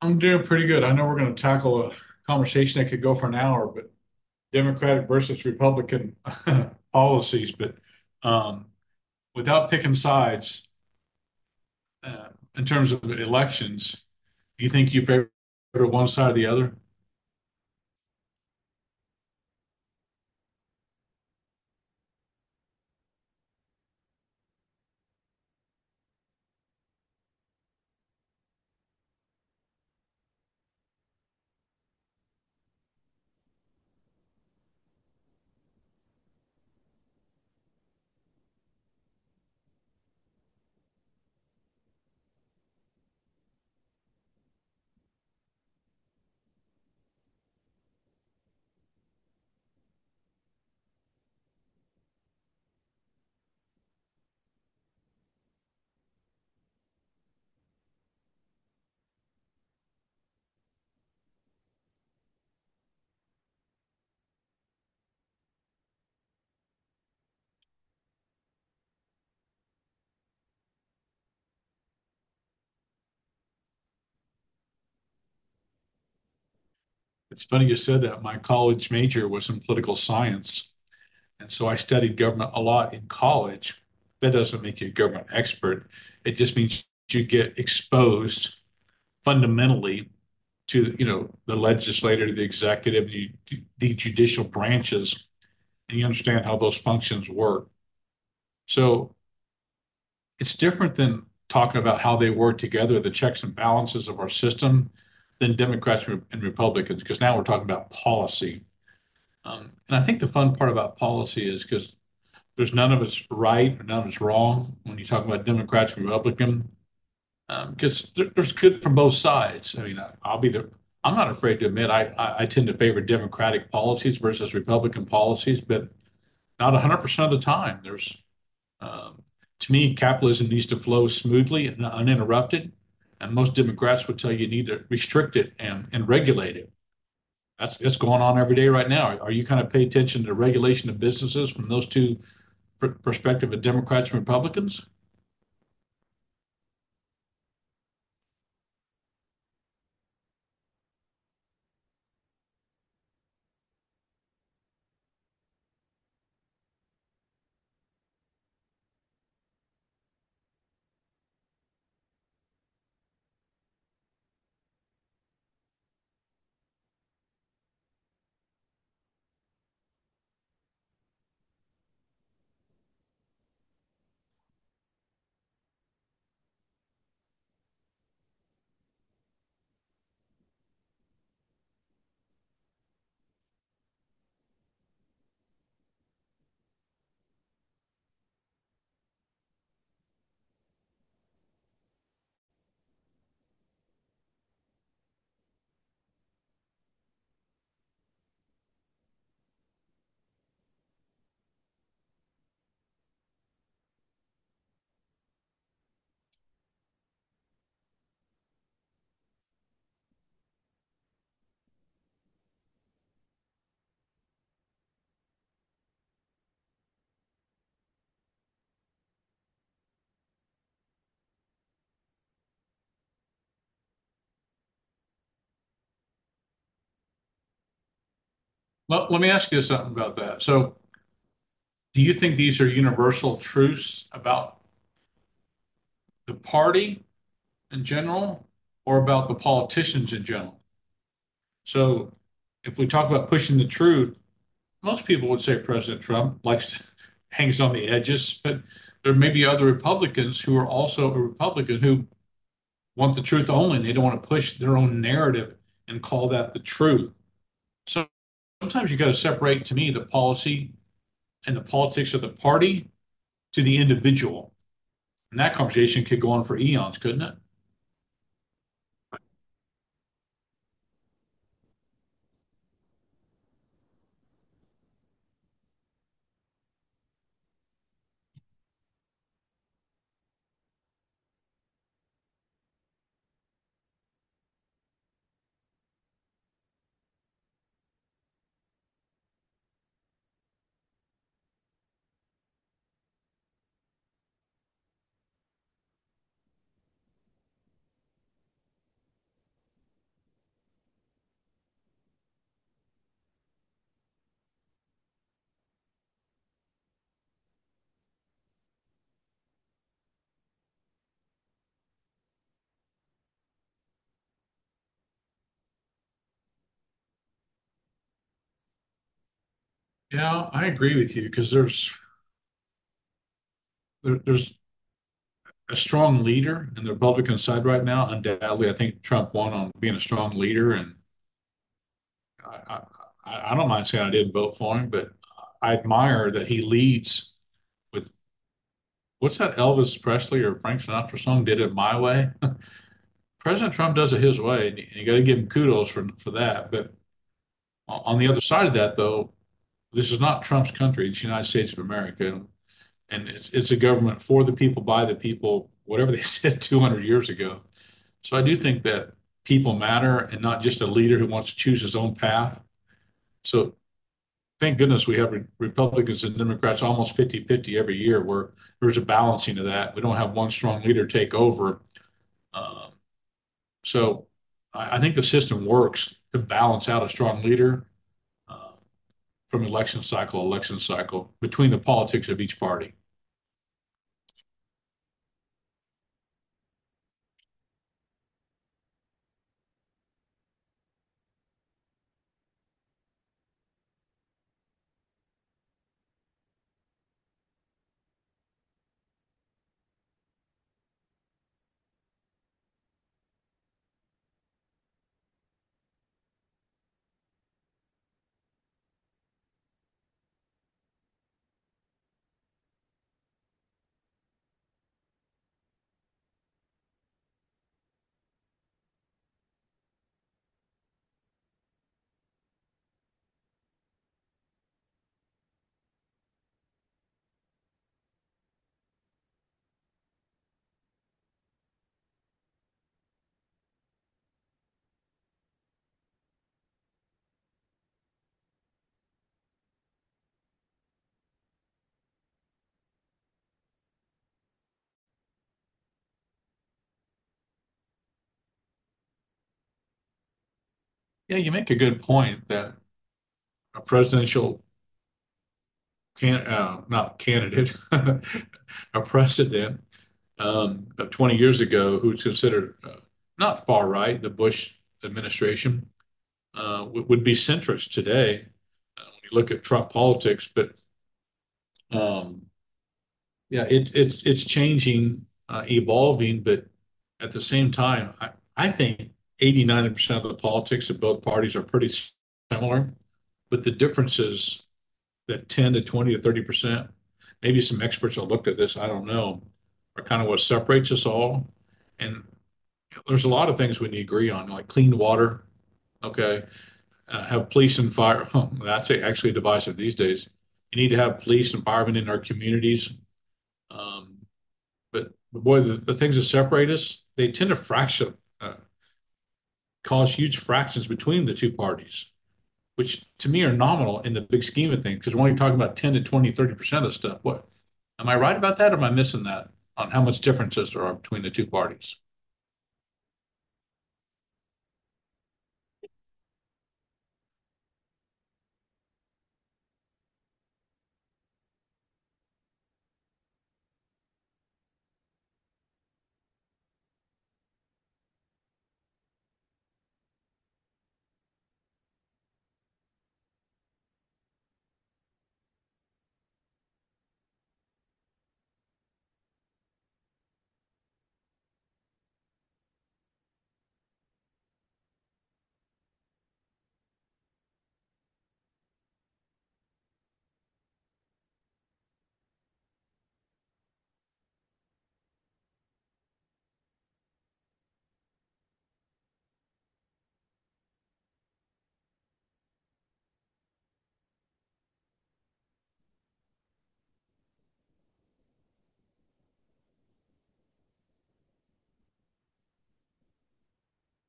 I'm doing pretty good. I know we're going to tackle a conversation that could go for an hour, but Democratic versus Republican policies. But um, without picking sides uh, in terms of elections, do you think you favor one side or the other? It's funny you said that. My college major was in political science, and so I studied government a lot in college. That doesn't make you a government expert. It just means you get exposed fundamentally to, you know, the legislative, the executive, the judicial branches. And you understand how those functions work. So it's different than talking about how they work together, the checks and balances of our system than Democrats and Republicans, because now we're talking about policy. And I think the fun part about policy is because there's none of it's right, or none of it's wrong, when you talk about Democrats and Republicans, because there's good from both sides. I mean, I'll be the— I'm not afraid to admit I I tend to favor Democratic policies versus Republican policies, but not 100% of the time. There's um, to me, capitalism needs to flow smoothly and uninterrupted, and most Democrats would tell you you need to restrict it and regulate it. That's going on every day right now. Are you kind of pay attention to the regulation of businesses from those two perspective of Democrats and Republicans? Well, let me ask you something about that. So do you think these are universal truths about the party in general or about the politicians in general? So if we talk about pushing the truth, most people would say President Trump likes to hangs on the edges, but there may be other Republicans who are also a Republican who want the truth only and they don't want to push their own narrative and call that the truth. So sometimes you got to separate to me the policy and the politics of the party to the individual. And that conversation could go on for eons, couldn't it? Yeah, I agree with you because there's a strong leader in the Republican side right now. Undoubtedly, I think Trump won on being a strong leader, and I I don't mind saying I didn't vote for him, but I admire that he leads with— what's that Elvis Presley or Frank Sinatra song? Did it my way. President Trump does it his way, and you got to give him kudos for that. But on the other side of that, though, this is not Trump's country. It's the United States of America, and it's a government for the people, by the people, whatever they said 200 years ago. So I do think that people matter and not just a leader who wants to choose his own path. So thank goodness we have Republicans and Democrats almost 50 50 every year where there's a balancing of that. We don't have one strong leader take over. Um, so I think the system works to balance out a strong leader. Um, from election cycle, between the politics of each party. Yeah, you make a good point that a presidential not candidate, a precedent of 20 years ago who's considered not far right, the Bush administration would be centrist today when you look at Trump politics. But um, yeah, it's changing, evolving, but at the same time, I think 80, 90% of the politics of both parties are pretty similar, but the differences— that 10 to 20 to 30%, maybe some experts will look at this, I don't know, are kind of what separates us all. And there's a lot of things we need to agree on, like clean water, okay? Uh, have police and fire. Oh, that's actually divisive these days. You need to have police and firemen in our communities. Um, but boy, things that separate us, they tend to fracture, uh, cause huge fractions between the two parties, which to me are nominal in the big scheme of things. Because we're only talking about 10 to 20, 30% of stuff. What? Am I right about that? Or am I missing that on how much differences there are between the two parties?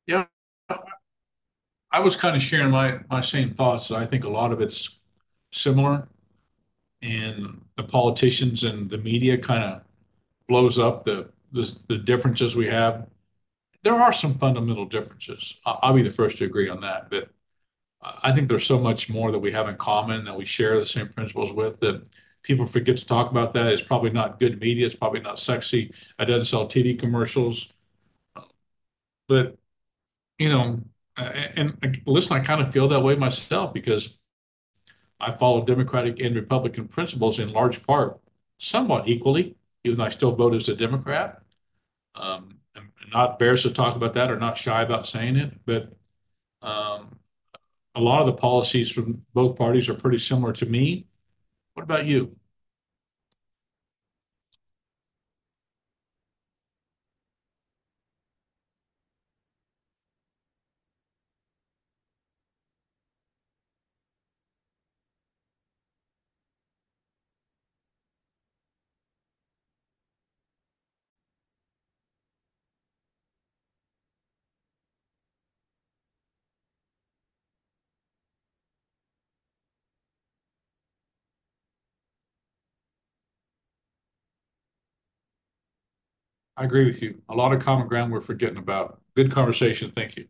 Yeah, I was kind of sharing my same thoughts. I think a lot of it's similar, and the politicians and the media kind of blows up the differences we have. There are some fundamental differences. I'll be the first to agree on that. But I think there's so much more that we have in common that we share the same principles with that people forget to talk about. That it's probably not good media. It's probably not sexy. I doesn't sell TV commercials. But you know, and like, listen, I kind of feel that way myself because I follow Democratic and Republican principles in large part somewhat equally, even though I still vote as a Democrat. I'm not embarrassed to talk about that or not shy about saying it, but um, a lot of the policies from both parties are pretty similar to me. What about you? I agree with you. A lot of common ground we're forgetting about. Good conversation. Thank you.